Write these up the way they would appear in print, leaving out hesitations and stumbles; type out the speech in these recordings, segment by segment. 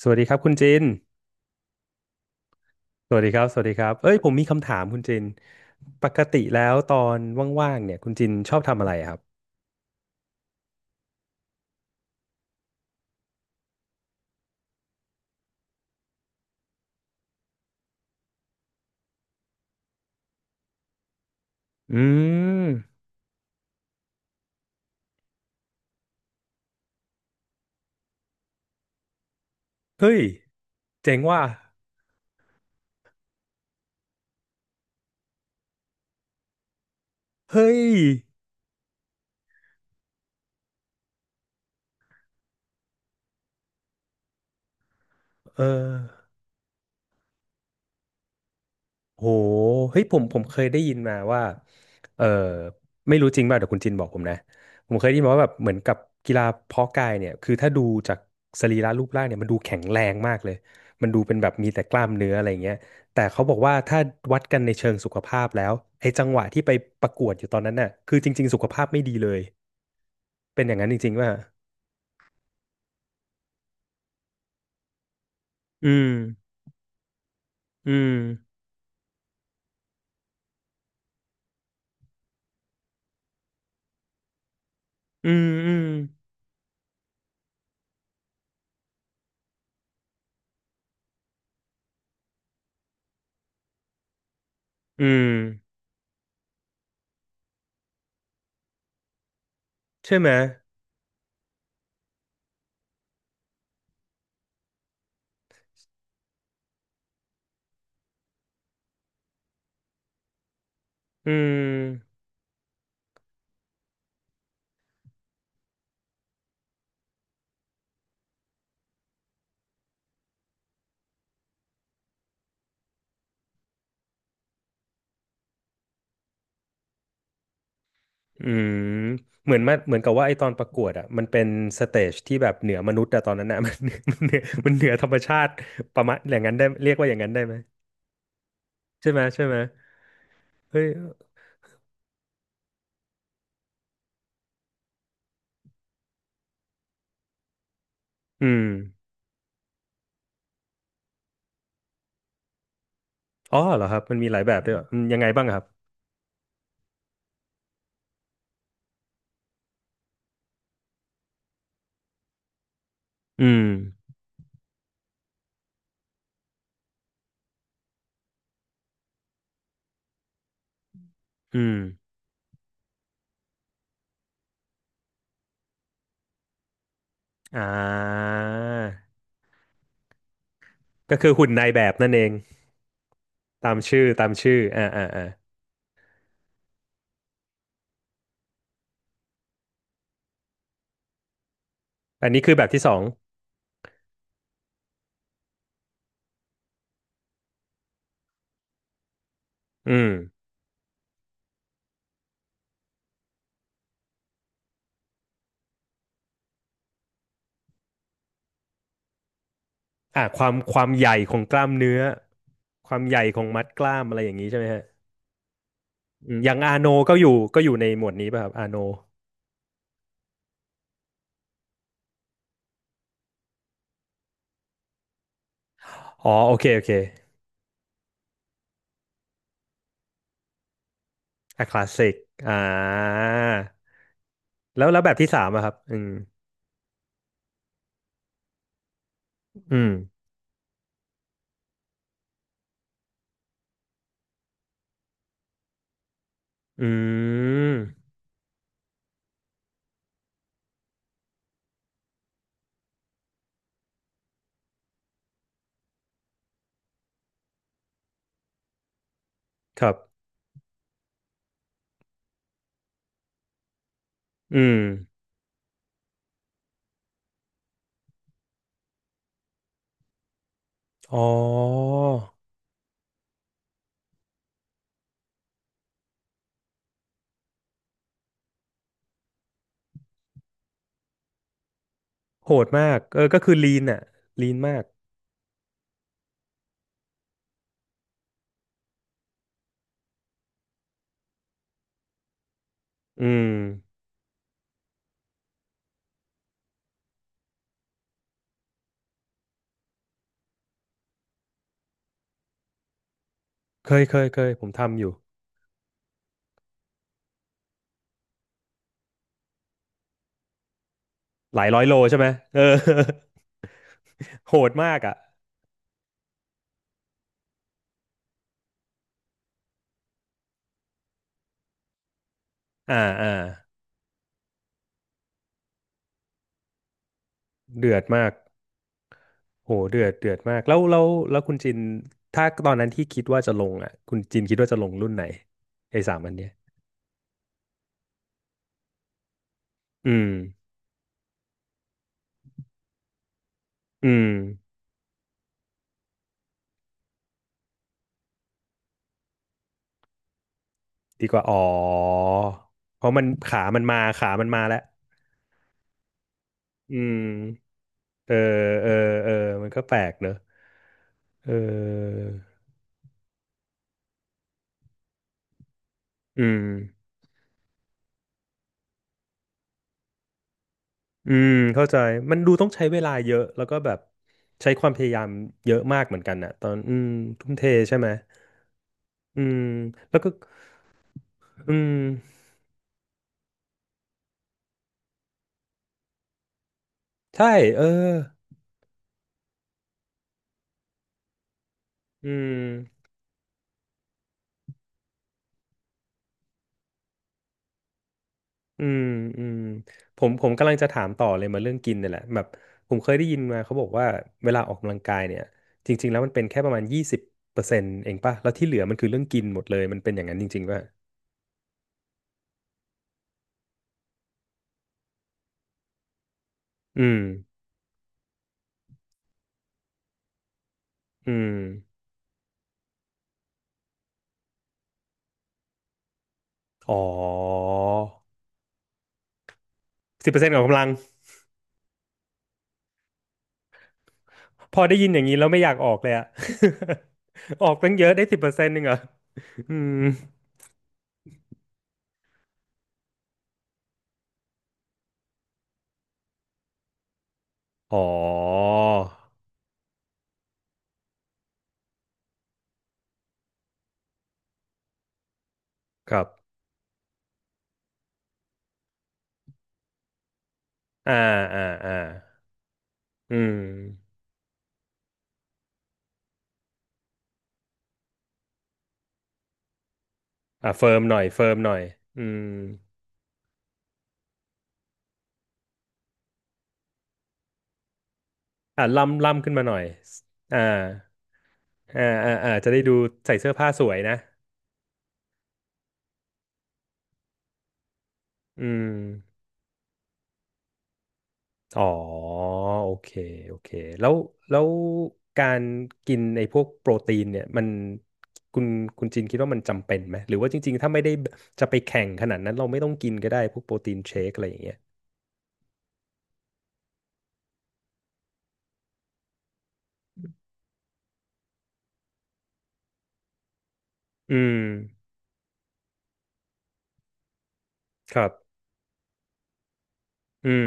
สวัสดีครับคุณจินสวัสดีครับ สวัสดีครับ เอ้ยผมมีคำถามคุณจินปกติแล้วตอนว่างๆ เนี่ยคุณจินชอบทำอะไรครับ อืมเฮ้ยเจ๋งว่ะเฮ้ยเออ โหเฮ้ยผมเคยได้ยินมาว่าเออไม่รู้จริงป่ะเดี๋ยวคุณจินบอกผมนะผมเคยได้ยินมาว่าแบบเหมือนกับกีฬาเพาะกายเนี่ยคือถ้าดูจากสรีระรูปร่างเนี่ยมันดูแข็งแรงมากเลยมันดูเป็นแบบมีแต่กล้ามเนื้ออะไรเงี้ยแต่เขาบอกว่าถ้าวัดกันในเชิงสุขภาพแล้วไอ้จังหวะที่ไปประกวดอยู่ตอนนั้นน่ะคือจริงๆสุขภาพไม่ดีเลยเป็นอย่างนั้นจริงๆป่ะอืมอืมอืมอืมอืมใช่ไหมอืม อืมเหมือนมาเหมือนกับว่าไอตอนประกวดอ่ะมันเป็นสเตจที่แบบเหนือมนุษย์อะตอนนั้นอะ มันเหนือมันเหนือธรรมชาติประมาณอย่างนั้นได้เรียกว่าอย่างนั้นได้ไหมใช่ไหมใช่ไหมเฮ้ยอืมอ๋อเหรอครับมันมีหลายแบบด้วยเหรออืมยังไงบ้างครับอืมอืมอ่าก็คือหุ่นนายแบบนั่นเองตามชื่อตามชื่ออ่าอ่าอ่าอันนี้คือแบบที่สองอืมอ่าความความใหญ่ของกล้ามเนื้อความใหญ่ของมัดกล้ามอะไรอย่างนี้ใช่ไหมฮะ อืมอย่างอาโนก็อยู่ในหมวดนี้ป่ะครับอาโนอ๋อโอเคโอเคอะคลาสสิกอ่าแล้วแบบที่สามอะครับอืมอืมอืมครับอืมอ๋อโหดมากเออก็คือลีนอะลีนมากอืมเคยผมทำอยู่หลายร้อยโลใช่ไหมเออ โหดมากอะอ่าอ่าเดือดมาก โหเดือดเดือดมากแล้วคุณจินถ้าตอนนั้นที่คิดว่าจะลงอ่ะคุณจินคิดว่าจะลงรุ่นไหนไอ้สามอันเนี้ยอืมอืมดีกว่าอ๋อเพราะมันขามันมาขามันมาแล้วอืมเออเออเออมันก็แปลกเนอะเอออืมอืมเข้าใจมันดูต้องใช้เวลาเยอะแล้วก็แบบใช้ความพยายามเยอะมากเหมือนกันอ่ะตอนอืมทุ่มเทใช่ไหมอืมแล้วก็อืม ใช่เอออืมอืมอืมผมกำลังจะถามต่อเลยมาเรื่องกินเนี่ยแหละแบบผมเคยได้ยินมาเขาบอกว่าเวลาออกกำลังกายเนี่ยจริงๆแล้วมันเป็นแค่ประมาณยี่สิบเปอร์เซ็นต์เองป่ะแล้วที่เหลือมันคือเรื่องกินหมดเลยมันเป็นอย่างนั้นจริงๆป่ะอืมอืมอ๋อสิบเปอร์เซ็นต์ของกำลังพอได้ยินอย่างนี้แล้วไม่อยากออกเลยอะ ออกตั้งเยอะได้สิบเปอร์เซ็นต์นึงเหรออืมอ๋อครับอ่าอ่าอ่าอืม อ่ะเฟิร์มหน่อยเฟิร์มหน่อยอืมอ่ะล่ำล่ำขึ้นมาหน่อย อ่าอ่าอ่าอ่าจะได้ดูใส่เสื้อผ้าสวยนะอืมอ๋อโอเคโอเคแล้วแล้วการกินไอ้พวกโปรตีนเนี่ยมันคุณคุณจินคิดว่ามันจำเป็นไหมหรือว่าจริงๆถ้าไม่ได้จะไปแข่งขนาดนั้นเราไม่ต้องกินก็ได้พวกโปรตีนเชคอะไรอย่างเงี้ยอืม ครับอืม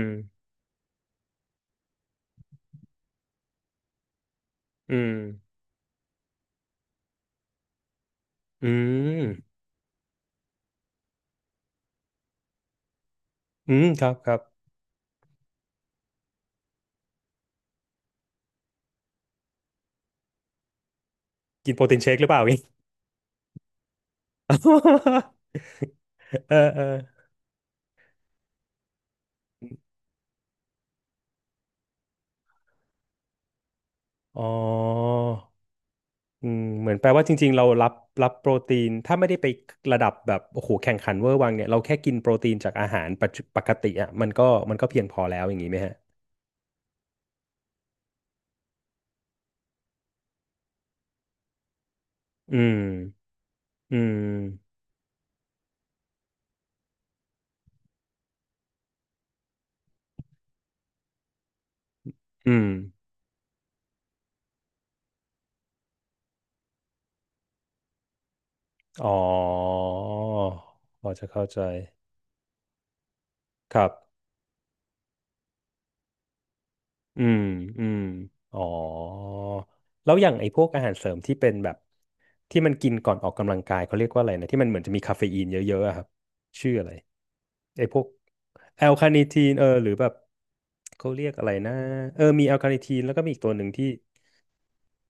อืม อืมอืมครับครับ กินโปรตีนเชคหรือเปล่าอีก เออเอออ๋ออืมเหมือนแปลว่าจริงๆ เรารับรับโปรตีนถ้าไม่ได้ไประดับแบบโอ้โหแข่งขันเวอร์วังเนี่ยเราแค่กินโปรตีนจากอาหารปัจจุปกติอ่ะมันก็เพียงพอแล้วอย่างนี้ไหมฮะอืมอืมอืมอ๋อพอจะเข้าใจครับ อืมอืมอ๋อแล้วอย่างไอ้พวกอาหารเสริมที่เป็นแบบที่มันกินก่อนออกกำลังกายเขาเรียกว่าอะไรนะที่มันเหมือนจะมีคาเฟอีนเยอะๆอะครับชื่ออะไรไอ้พวกแอลคาเน t ทีนเออหรือแบบเขาเรียกอะไรนะเออมีแอลคาเน t ทีนแล้วก็มีอีกตัวหนึ่งที่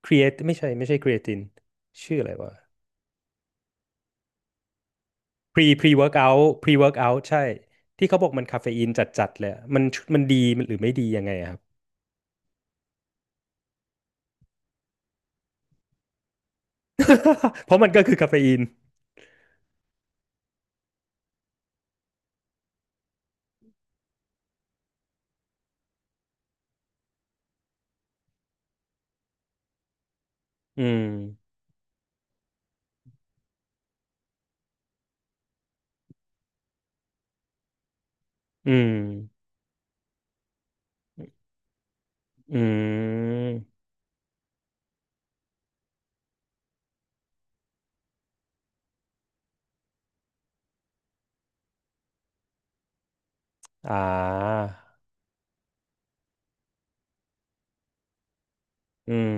ครีเอทไม่ใช่ไม่ใช่ครีเอตินชื่ออะไรวะพรีเวิร์กเอาท์พรีเวิร์กเอาท์ใช่ที่เขาบอกมันคาเฟอีนจัดๆเลยอะมันมันดีมันหรือไม่ดียังไงอะครับ เพราะมันก็คือคาเฟอีนอืมอืม อืม อ่า อืม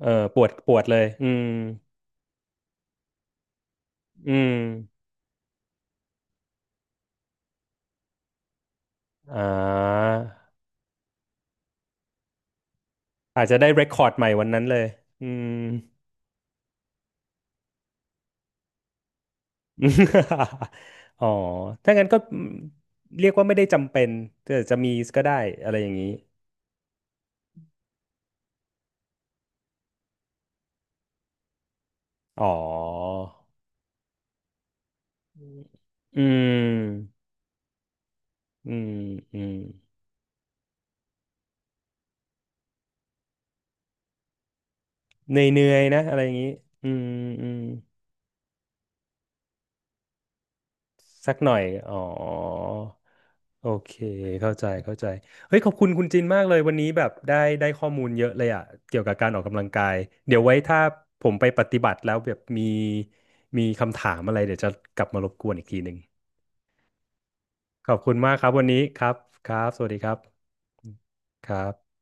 เออปวดปวดเลยอืมอืมอ่าอาจจะได้เรคคอร์ดใหม่วันนั้นเลยอืม อ๋อถ้างั้นก็เรียกว่าไม่ได้จำเป็นแต่จะมีก็ได้อะไรอย่างนี้ อ๋ออืมอืมอืมเหนื่อยๆนะอะไรอย่างนี้อืมอืม สักหน่อยอ๋อโอเคเข้าใจเข้าใจเฮ้ยขอบคุณคุณจินมากเลยวันนี้แบบได้ได้ข้อมูลเยอะเลยอะเกี่ยวกับการออกกำลังกายเดี๋ยวไว้ถ้าผมไปปฏิบัติแล้วแบบมีมีคำถามอะไรเดี๋ยวจะกลับมารบกวนอีกทีหนึ่งขอบคุณมากครับวันนี้ครับครับสวัสดีครับครับ